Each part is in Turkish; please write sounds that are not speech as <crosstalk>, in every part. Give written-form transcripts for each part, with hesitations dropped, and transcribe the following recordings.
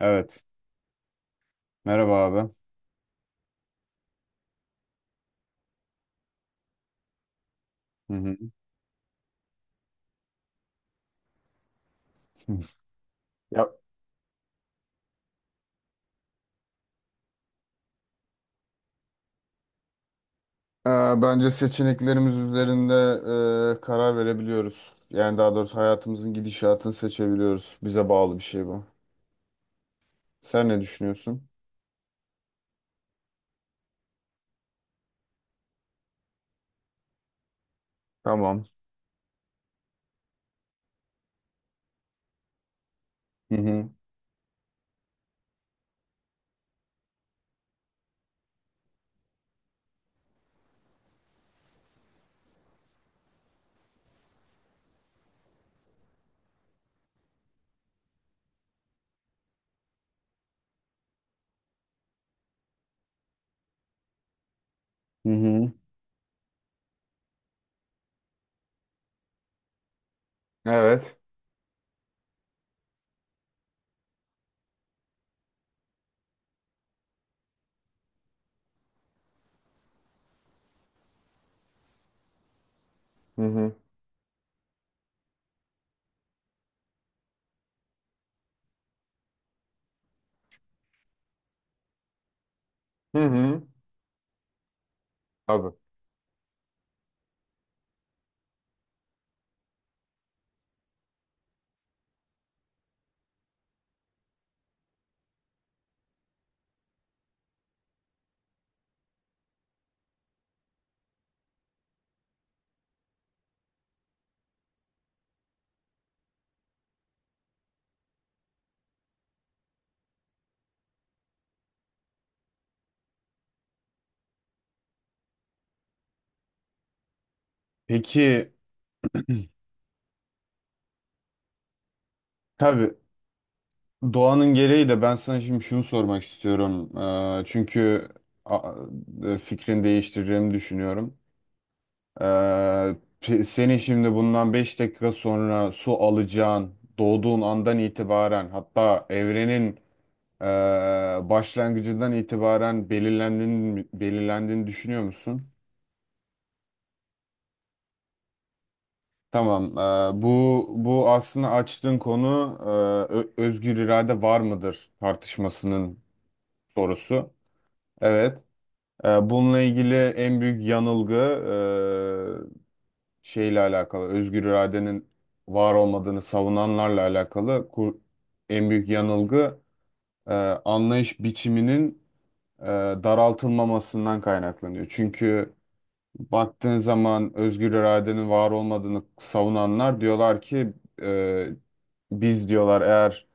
Evet. Merhaba abi. Hı hı. <laughs> Ya, bence seçeneklerimiz üzerinde karar verebiliyoruz. Yani daha doğrusu hayatımızın gidişatını seçebiliyoruz. Bize bağlı bir şey bu. Sen ne düşünüyorsun? Tamam. Hı hı. Hı hı. Evet. Hı hı. Hı hı. Abi. Peki <clears throat> tabii doğanın gereği de ben sana şimdi şunu sormak istiyorum. Çünkü a- fikrini değiştireceğimi düşünüyorum. Ee, senin şimdi bundan 5 dakika sonra su alacağın, doğduğun andan itibaren, hatta evrenin ee, başlangıcından itibaren belirlendiğini, belirlendiğini düşünüyor musun? Tamam. Bu aslında açtığın konu, özgür irade var mıdır tartışmasının sorusu. Evet. Bununla ilgili en büyük yanılgı şeyle alakalı, özgür iradenin var olmadığını savunanlarla alakalı. En büyük yanılgı e, anlayış biçiminin e, daraltılmamasından kaynaklanıyor. Çünkü baktığın zaman özgür iradenin var olmadığını savunanlar diyorlar ki e, biz diyorlar, eğer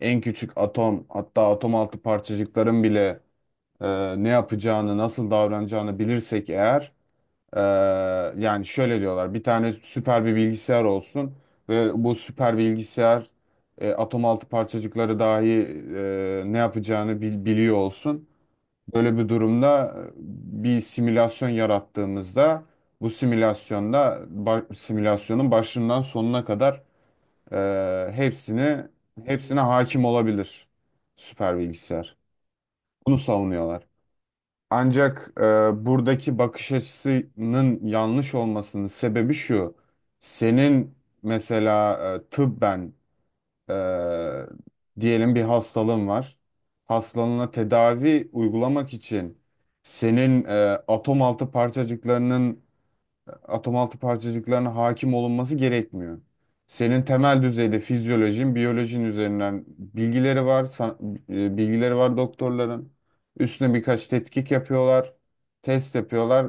en küçük atom, hatta atom altı parçacıkların bile ne yapacağını, nasıl davranacağını bilirsek eğer, ee, yani şöyle diyorlar, bir tane süper bir bilgisayar olsun ve bu süper bilgisayar atom altı parçacıkları dahi ne yapacağını biliyor olsun. Böyle bir durumda bir simülasyon yarattığımızda, bu simülasyonda simülasyonun başından sonuna kadar e, hepsini hepsine hakim olabilir süper bilgisayar. Bunu savunuyorlar. Ancak buradaki bakış açısının yanlış olmasının sebebi şu. Senin mesela tıbben, e, diyelim, bir hastalığın var. Hastalığına tedavi uygulamak için senin atom altı parçacıklarının atom altı parçacıklarına hakim olunması gerekmiyor. Senin temel düzeyde fizyolojin, biyolojin üzerinden bilgileri var doktorların. Üstüne birkaç tetkik yapıyorlar, test yapıyorlar,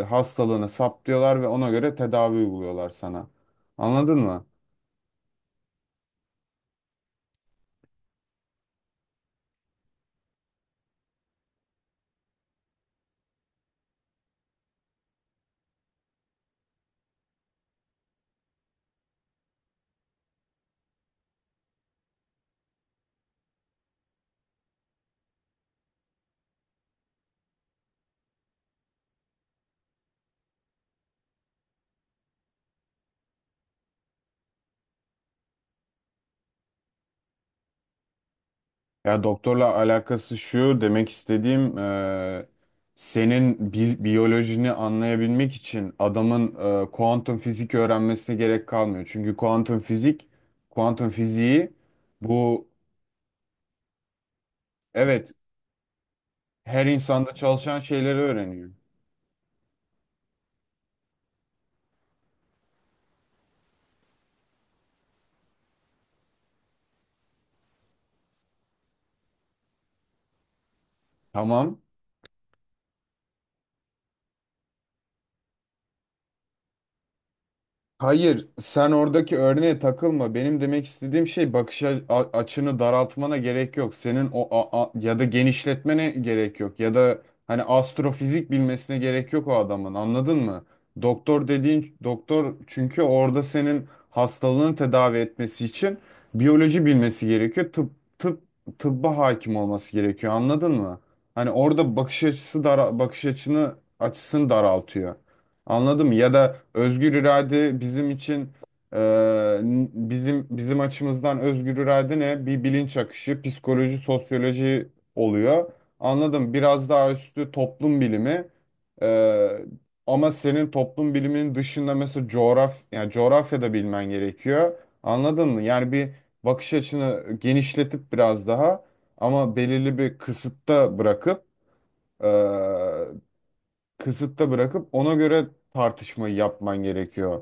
hastalığını saptıyorlar ve ona göre tedavi uyguluyorlar sana. Anladın mı? Ya, doktorla alakası şu, demek istediğim senin biyolojini anlayabilmek için adamın kuantum fizik öğrenmesine gerek kalmıyor. Çünkü kuantum fiziği, bu, evet, her insanda çalışan şeyleri öğreniyor. Tamam. Hayır, sen oradaki örneğe takılma. Benim demek istediğim şey, bakış açını daraltmana gerek yok. Senin o ya da genişletmene gerek yok. Ya da hani, astrofizik bilmesine gerek yok o adamın. Anladın mı? Doktor dediğin doktor, çünkü orada senin hastalığını tedavi etmesi için biyoloji bilmesi gerekiyor. Tıp tıp tıbba hakim olması gerekiyor. Anladın mı? Hani orada bakış açısını daraltıyor. Anladım. Ya da özgür irade bizim için, e, bizim açımızdan, özgür irade ne? Bir bilinç akışı, psikoloji, sosyoloji oluyor. Anladım. Biraz daha üstü toplum bilimi. E, ama senin toplum biliminin dışında, mesela yani coğrafya da bilmen gerekiyor. Anladın mı? Yani bir, bakış açını genişletip biraz daha, ama belirli bir kısıtta bırakıp, kısıtta bırakıp ona göre tartışmayı yapman gerekiyor.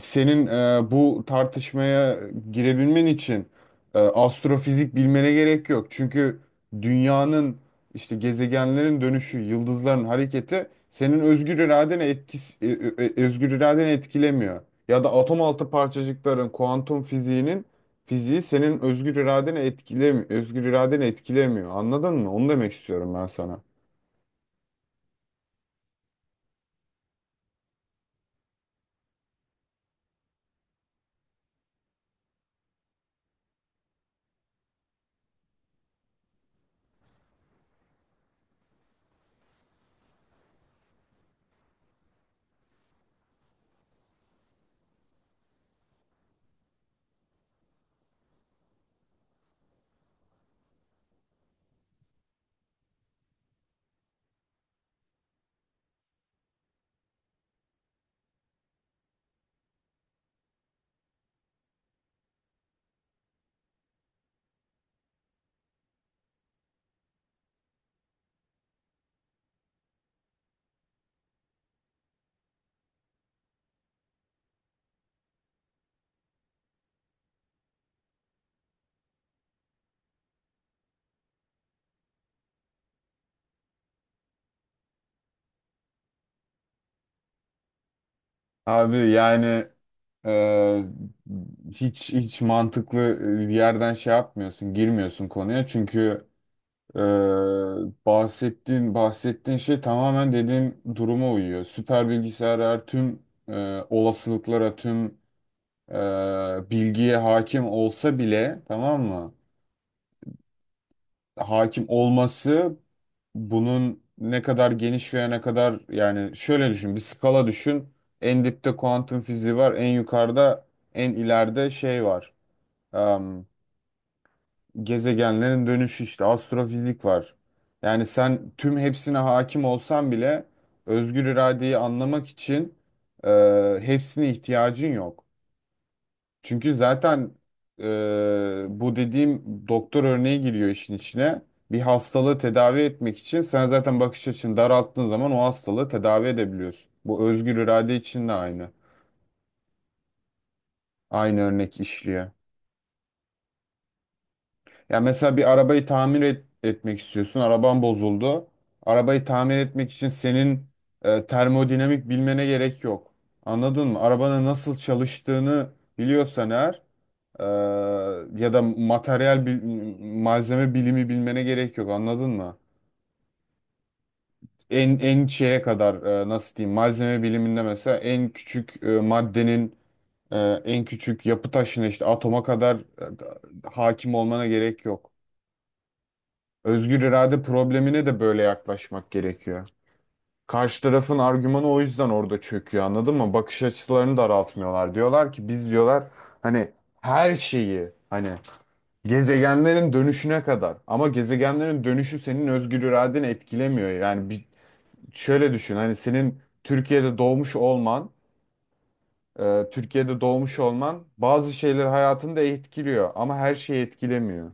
Senin bu tartışmaya girebilmen için astrofizik bilmene gerek yok. Çünkü dünyanın, işte gezegenlerin dönüşü, yıldızların hareketi, senin özgür iradene etkisi, özgür iradeni etkilemiyor. Ya da atom altı parçacıkların kuantum fiziğinin fiziği senin özgür iradeni etkilemiyor, özgür iradeni etkilemiyor. Anladın mı? Onu demek istiyorum ben sana. Abi yani, e, hiç hiç mantıklı bir yerden şey yapmıyorsun, girmiyorsun konuya, çünkü e, bahsettiğin, bahsettiğin şey tamamen dediğin duruma uyuyor. Süper bilgisayarlar tüm olasılıklara, tüm e, bilgiye hakim olsa bile, tamam mı? Hakim olması, bunun ne kadar geniş veya ne kadar, yani şöyle düşün, bir skala düşün. En dipte kuantum fiziği var, en ileride şey var. Am, gezegenlerin dönüşü, işte astrofizik var. Yani sen tüm hepsine hakim olsan bile, özgür iradeyi anlamak için e, hepsine ihtiyacın yok. Çünkü zaten e, bu dediğim doktor örneği giriyor işin içine. Bir hastalığı tedavi etmek için sen zaten bakış açını daralttığın zaman o hastalığı tedavi edebiliyorsun. Bu, özgür irade için de aynı. Aynı örnek işliyor. Ya mesela bir arabayı tamir etmek istiyorsun. Araban bozuldu. Arabayı tamir etmek için senin termodinamik bilmene gerek yok. Anladın mı? Arabanın nasıl çalıştığını biliyorsan eğer, Ee, ya da malzeme bilimi bilmene gerek yok, anladın mı? En şeye kadar, nasıl diyeyim, malzeme biliminde mesela en küçük maddenin, e, en küçük yapı taşına, işte atoma kadar hakim olmana gerek yok. Özgür irade problemine de böyle yaklaşmak gerekiyor. Karşı tarafın argümanı o yüzden orada çöküyor, anladın mı? Bakış açılarını daraltmıyorlar. Diyorlar ki, biz diyorlar hani her şeyi, hani gezegenlerin dönüşüne kadar. Ama gezegenlerin dönüşü senin özgür iradeni etkilemiyor. Yani bir, şöyle düşün. Hani senin Türkiye'de doğmuş olman, bazı şeyleri hayatında etkiliyor ama her şeyi etkilemiyor.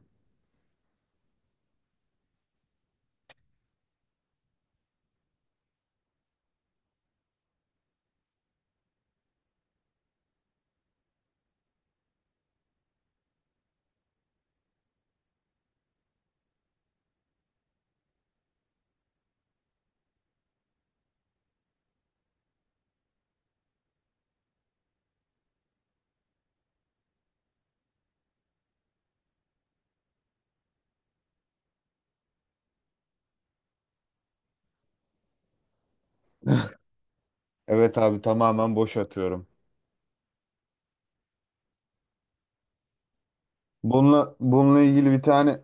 Evet abi, tamamen boş atıyorum. Bununla bununla ilgili bir tane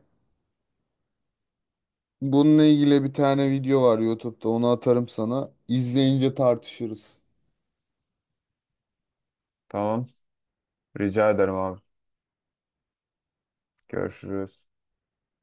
bununla ilgili bir tane video var YouTube'da. Onu atarım sana. İzleyince tartışırız. Tamam. Rica ederim abi. Görüşürüz.